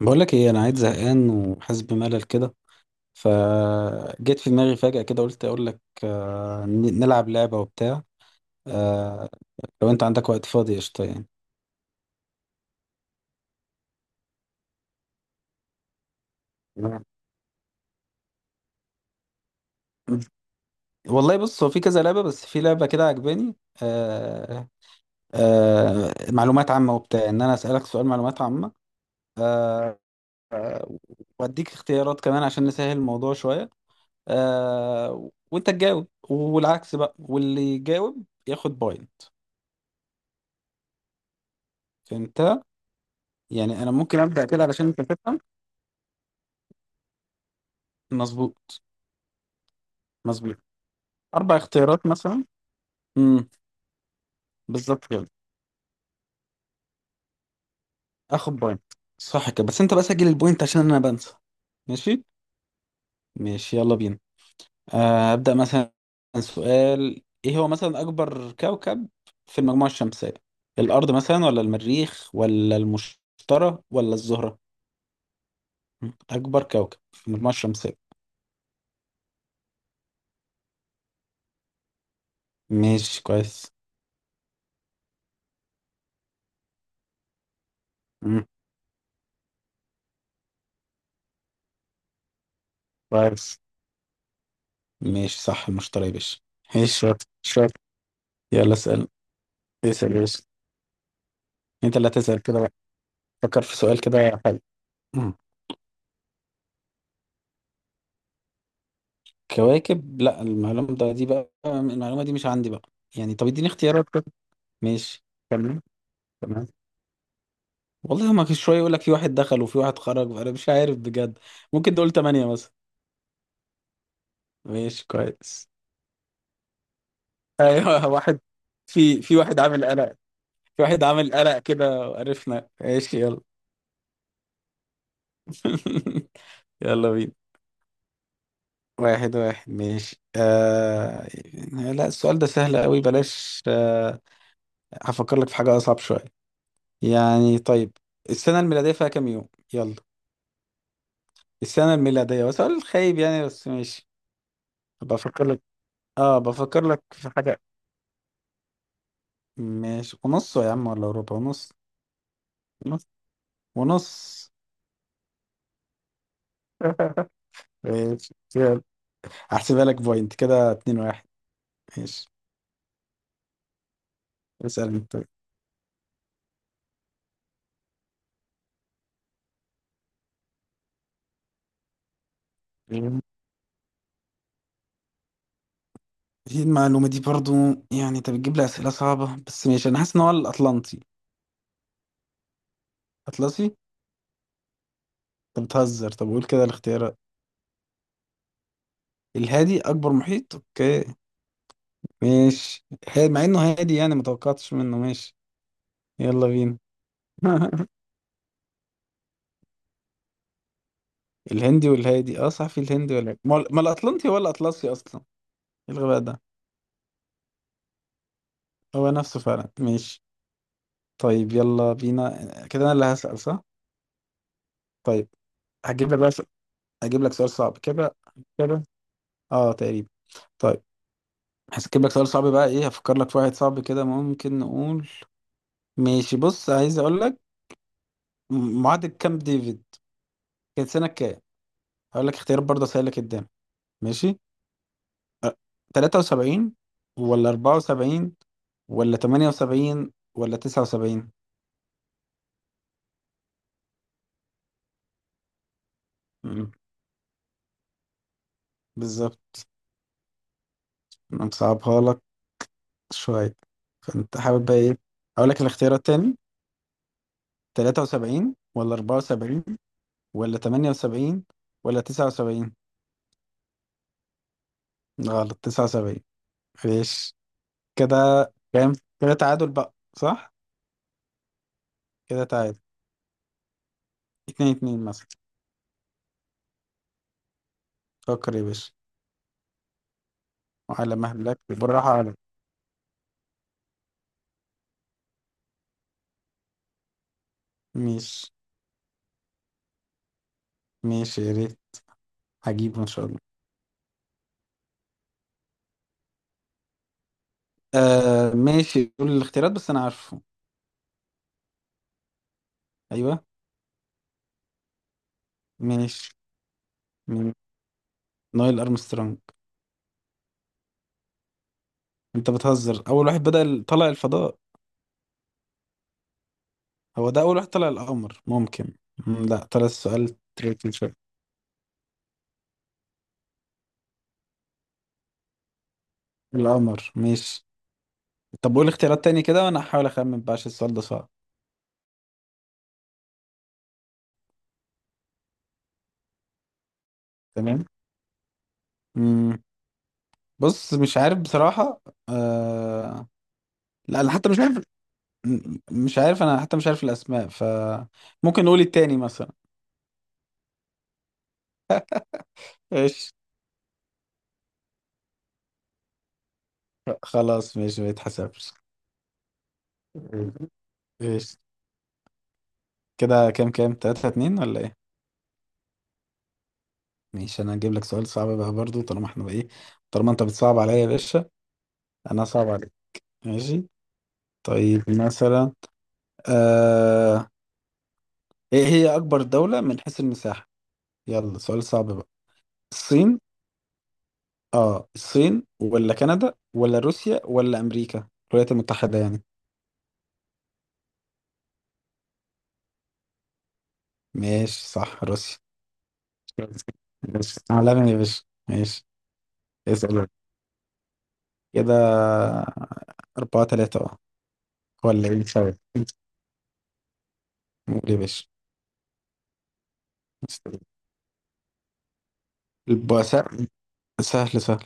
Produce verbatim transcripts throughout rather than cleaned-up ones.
بقول لك ايه، انا قاعد زهقان وحاسس بملل كده. فجيت في دماغي فجأة كده، قلت اقول لك آه، ن- نلعب لعبة وبتاع. آه، لو انت عندك وقت فاضي، قشطة يعني. نعم. والله بص، هو في كذا لعبة، بس في لعبة كده عجباني. آه، آه، معلومات عامة وبتاع، ان انا اسألك سؤال معلومات عامة. آه، آه، واديك اختيارات كمان عشان نسهل الموضوع شوية. آه، وانت تجاوب، والعكس بقى، واللي يجاوب ياخد بوينت. فهمت؟ يعني انا ممكن ابدا كده علشان انت تفهم. مظبوط. مظبوط. اربع اختيارات مثلا. امم. بالظبط كده. اخد بوينت. صح كده، بس انت بقى سجل البوينت عشان انا بنسى. ماشي. ماشي يلا بينا. آه، ابدا مثلا. سؤال، ايه هو مثلا اكبر كوكب في المجموعه الشمسيه؟ الارض مثلا، ولا المريخ، ولا المشتري، ولا الزهره؟ مم، اكبر كوكب في المجموعه الشمسيه. ماشي كويس. مم، كويس. ماشي، صح، المشتري يا باشا. ماشي، شاطر شاطر. يلا اسال. اسأل يا يوسف. انت اللي هتسأل كده بقى. فكر في سؤال كده حلو. مم. كواكب؟ لا، المعلومة ده، دي بقى المعلومة دي مش عندي بقى. يعني طب اديني اختيارات كده. ماشي. تمام. تمام. والله هما كل شوية يقول لك في واحد دخل وفي واحد خرج، فأنا مش عارف بجد. ممكن تقول تمانية مثلا. ماشي كويس. ايوه واحد. في في واحد عامل قلق. في واحد عامل قلق كده، وعرفنا، ماشي يلا. يلا بينا واحد واحد. ماشي. آه... لا، السؤال ده سهل قوي، بلاش. آه... هفكر لك في حاجة أصعب شوية. يعني طيب، السنة الميلادية فيها كام يوم؟ يلا. السنة الميلادية، وسؤال خايب يعني، بس ماشي. بفكر لك. اه بفكر لك في حاجة. ماشي، ونص يا عم، ولا ربع ونص. ونص. ونص. ماشي يلا. هحسبها لك بوينت كده، اتنين واحد. ماشي. اسأل انت. هي المعلومة دي برضو، يعني انت بتجيب لي أسئلة صعبة، بس ماشي، أنا حاسس إن هو الأطلنطي. أطلسي؟ أنت بتهزر، طب قول كده الاختيارات. الهادي أكبر محيط، أوكي. ماشي، ح- مع انه هادي يعني، ما توقعتش منه، ماشي. يلا بينا. الهندي والهادي، اه صح، في الهندي، ولا ما ما الاطلنطي هو الاطلسي اصلا. إيه الغباء ده. هو نفسه فعلا، ماشي. طيب يلا بينا. كده انا اللي هسأل، صح؟ طيب. هجيب لك بقى س- هجيب لك سؤال صعب كده. كده. اه تقريبا. طيب هجيب لك سؤال صعب بقى، ايه، هفكر لك في واحد صعب كده، ممكن نقول. ماشي بص، عايز اقول لك، م- معاهدة كامب ديفيد كانت سنة كام؟ هقول لك اختيارات برضه سهلة قدام. ماشي. تلاتة وسبعين، ولا أربعة وسبعين، ولا تمانية وسبعين، ولا تسعة وسبعين؟ مم. بالظبط. أنا مصعبها لك شوية. فأنت حابب بقى إيه؟ أقول لك الاختيارات تاني؟ تلاتة وسبعين، ولا أربعة وسبعين، ولا تمانية وسبعين، ولا تسعة وسبعين؟ غلط، تسعة وسبعين. ماشي. كده كام؟ كده تعادل بقى، صح؟ كده تعادل، اتنين اتنين مثلا. فكر يا باشا وعلى مهلك بالراحة على مش. ماشي، يا ريت. هجيبه إن شاء الله. آه ماشي، قول الاختيارات بس، انا عارفه. ايوه. ماشي، من، نايل ارمسترونج. انت بتهزر، اول واحد بدأ ال- طلع الفضاء. هو ده اول واحد طلع القمر ممكن. مم، لا، طلع السؤال تريكي شويه. القمر، ماشي. طب قول اختيارات تاني كده، وانا هحاول اخمن بقى عشان السؤال ده صعب. تمام. مم. بص، مش عارف بصراحة. آه... لا انا حتى مش عارف. م- مش عارف، انا حتى مش عارف الاسماء، ف ممكن نقول التاني مثلا. ايش؟ خلاص ماشي، ما يتحسبش. ايش؟ كده كام؟ كام تلاتة اتنين، ولا ايه؟ ماشي. انا هجيب لك سؤال صعب بقى برضو، طالما احنا بقى ايه، طالما انت بتصعب عليا يا باشا، انا صعب عليك. ماشي. طيب مثلا، آه... ايه هي اكبر دولة من حيث المساحة؟ يلا سؤال صعب بقى. الصين؟ اه، الصين، ولا كندا، ولا روسيا، ولا امريكا الولايات المتحدة يعني؟ ماشي، صح، روسيا. ماشي، عالمي يا باشا. ماشي. اسأل. كده أربعة تلاتة، اه. ولا ايه، مش عارف. قول يا باشا. يبقى سهل. سهل سهل.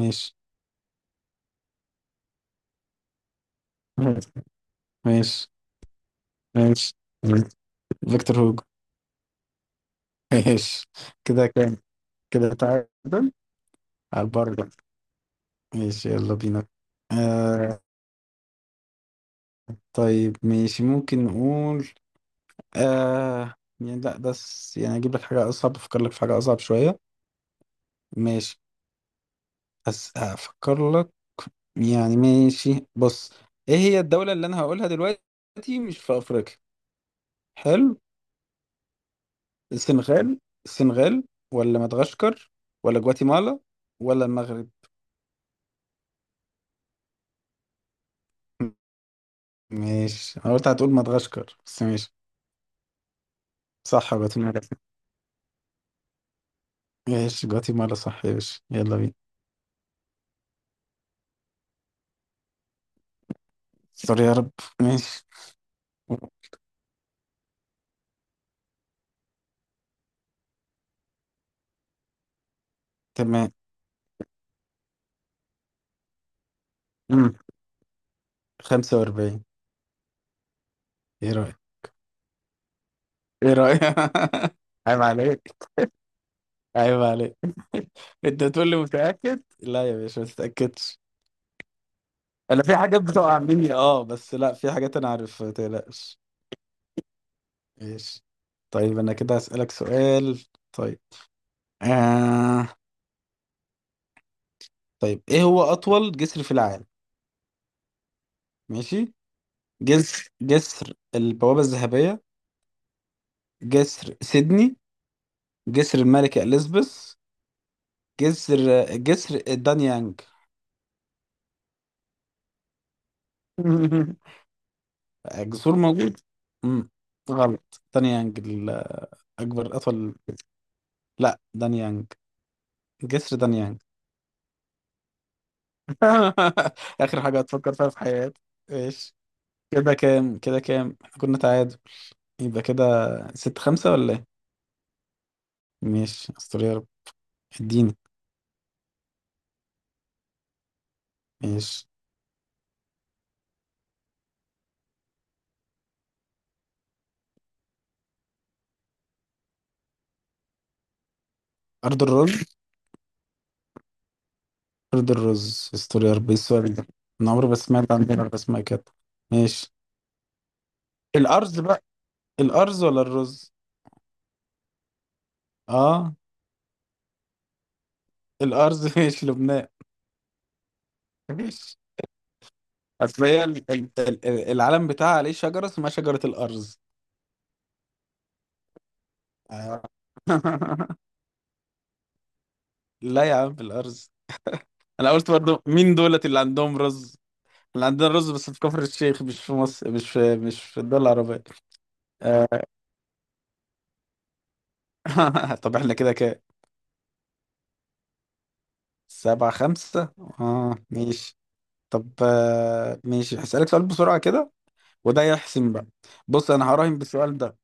ماشي. ماشي. ماشي، فيكتور هوجو. ماشي. كده كام؟ كده تعادل. على البرجر. ماشي يلا بينا. آه. طيب ماشي، ممكن نقول، آه، يعني لا بس يعني اجيب لك حاجة اصعب، افكر لك في حاجة اصعب شوية. ماشي، بس هفكر لك، يعني ماشي بص، ايه هي الدولة اللي انا هقولها دلوقتي مش في افريقيا؟ حلو. السنغال. السنغال، ولا مدغشقر، ولا جواتيمالا، ولا المغرب؟ ماشي، انا قلت هتقول مدغشقر، بس ماشي. صح، جواتيمالا. ماشي جواتيمالا صح يا باشا، يلا بينا. سوري يا رب. ماشي. تمام. مم. خمسة وأربعين. ايه رأيك؟ ايه رأيك؟ عيب عليك، عيب عليك. انت تقول لي متأكد، لا يا باشا، ما تتأكدش. انا في حاجات بتقع مني اه، بس لا، في حاجات انا عارف، ما تقلقش. ماشي. طيب انا كده هسألك سؤال. طيب. آه. طيب ايه هو اطول جسر في العالم؟ ماشي. جسر، جسر البوابة الذهبية، جسر سيدني، جسر الملكة اليزابيث، جسر جسر دانيانج. جسور موجود. امم. غلط، دانيانج الاكبر. اطول. لا، دانيانج، جسر دانيانج. اخر حاجة هتفكر فيها في حياتك. ايش؟ كده كام، كده كام احنا كنا تعادل، يبقى كده ست خمسة ولا ايه؟ ماشي استوري عربي. اديني. ماشي. أرض الرز؟ أرض الرز؟ استوري عربي، إيه السؤال ده! أنا عمري ما سمعت عن بيلر اسمها كده. ماشي. الأرز بقى، الأرز ولا الرز؟ اه. الأرز. ماشي، لبنان. ماشي. أصل هي ال- ال- ال- العلم بتاعها عليه شجرة اسمها شجرة الأرز. آه. لا يا عم، الأرز. أنا قلت برضه، مين دولت اللي عندهم رز؟ اللي عندنا رز بس في كفر الشيخ، مش في مصر، مش في مش في الدول العربية. آه. طب احنا كده كده سبعة خمسة، اه ماشي. طب آه، ماشي، هسألك سؤال بسرعة كده، وده يحسم بقى. بص انا هراهن بالسؤال ده،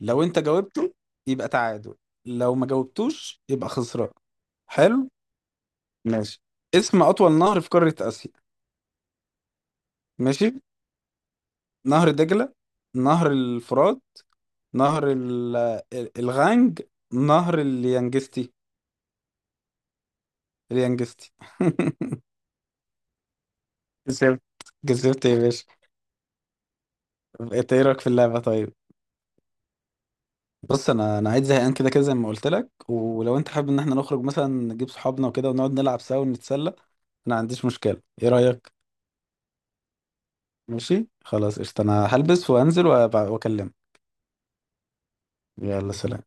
لو انت جاوبته يبقى تعادل، لو ما جاوبتوش يبقى خسران. حلو. ماشي. اسم أطول نهر في قارة آسيا؟ ماشي. نهر دجلة، نهر الفرات، نهر ال- ال- الغانج، نهر اليانجستي. اليانجستي. كسبت. كسبت يا باشا. انت ايه رأيك في اللعبة طيب؟ بص، انا انا قاعد زهقان كده كده زي ما قلت لك، ولو انت حابب ان احنا نخرج مثلا، نجيب صحابنا وكده ونقعد نلعب سوا ونتسلى، انا ما عنديش مشكله، ايه رايك؟ ماشي خلاص، قشطه. انا هلبس وانزل وأبع- واكلمك. يلا سلام.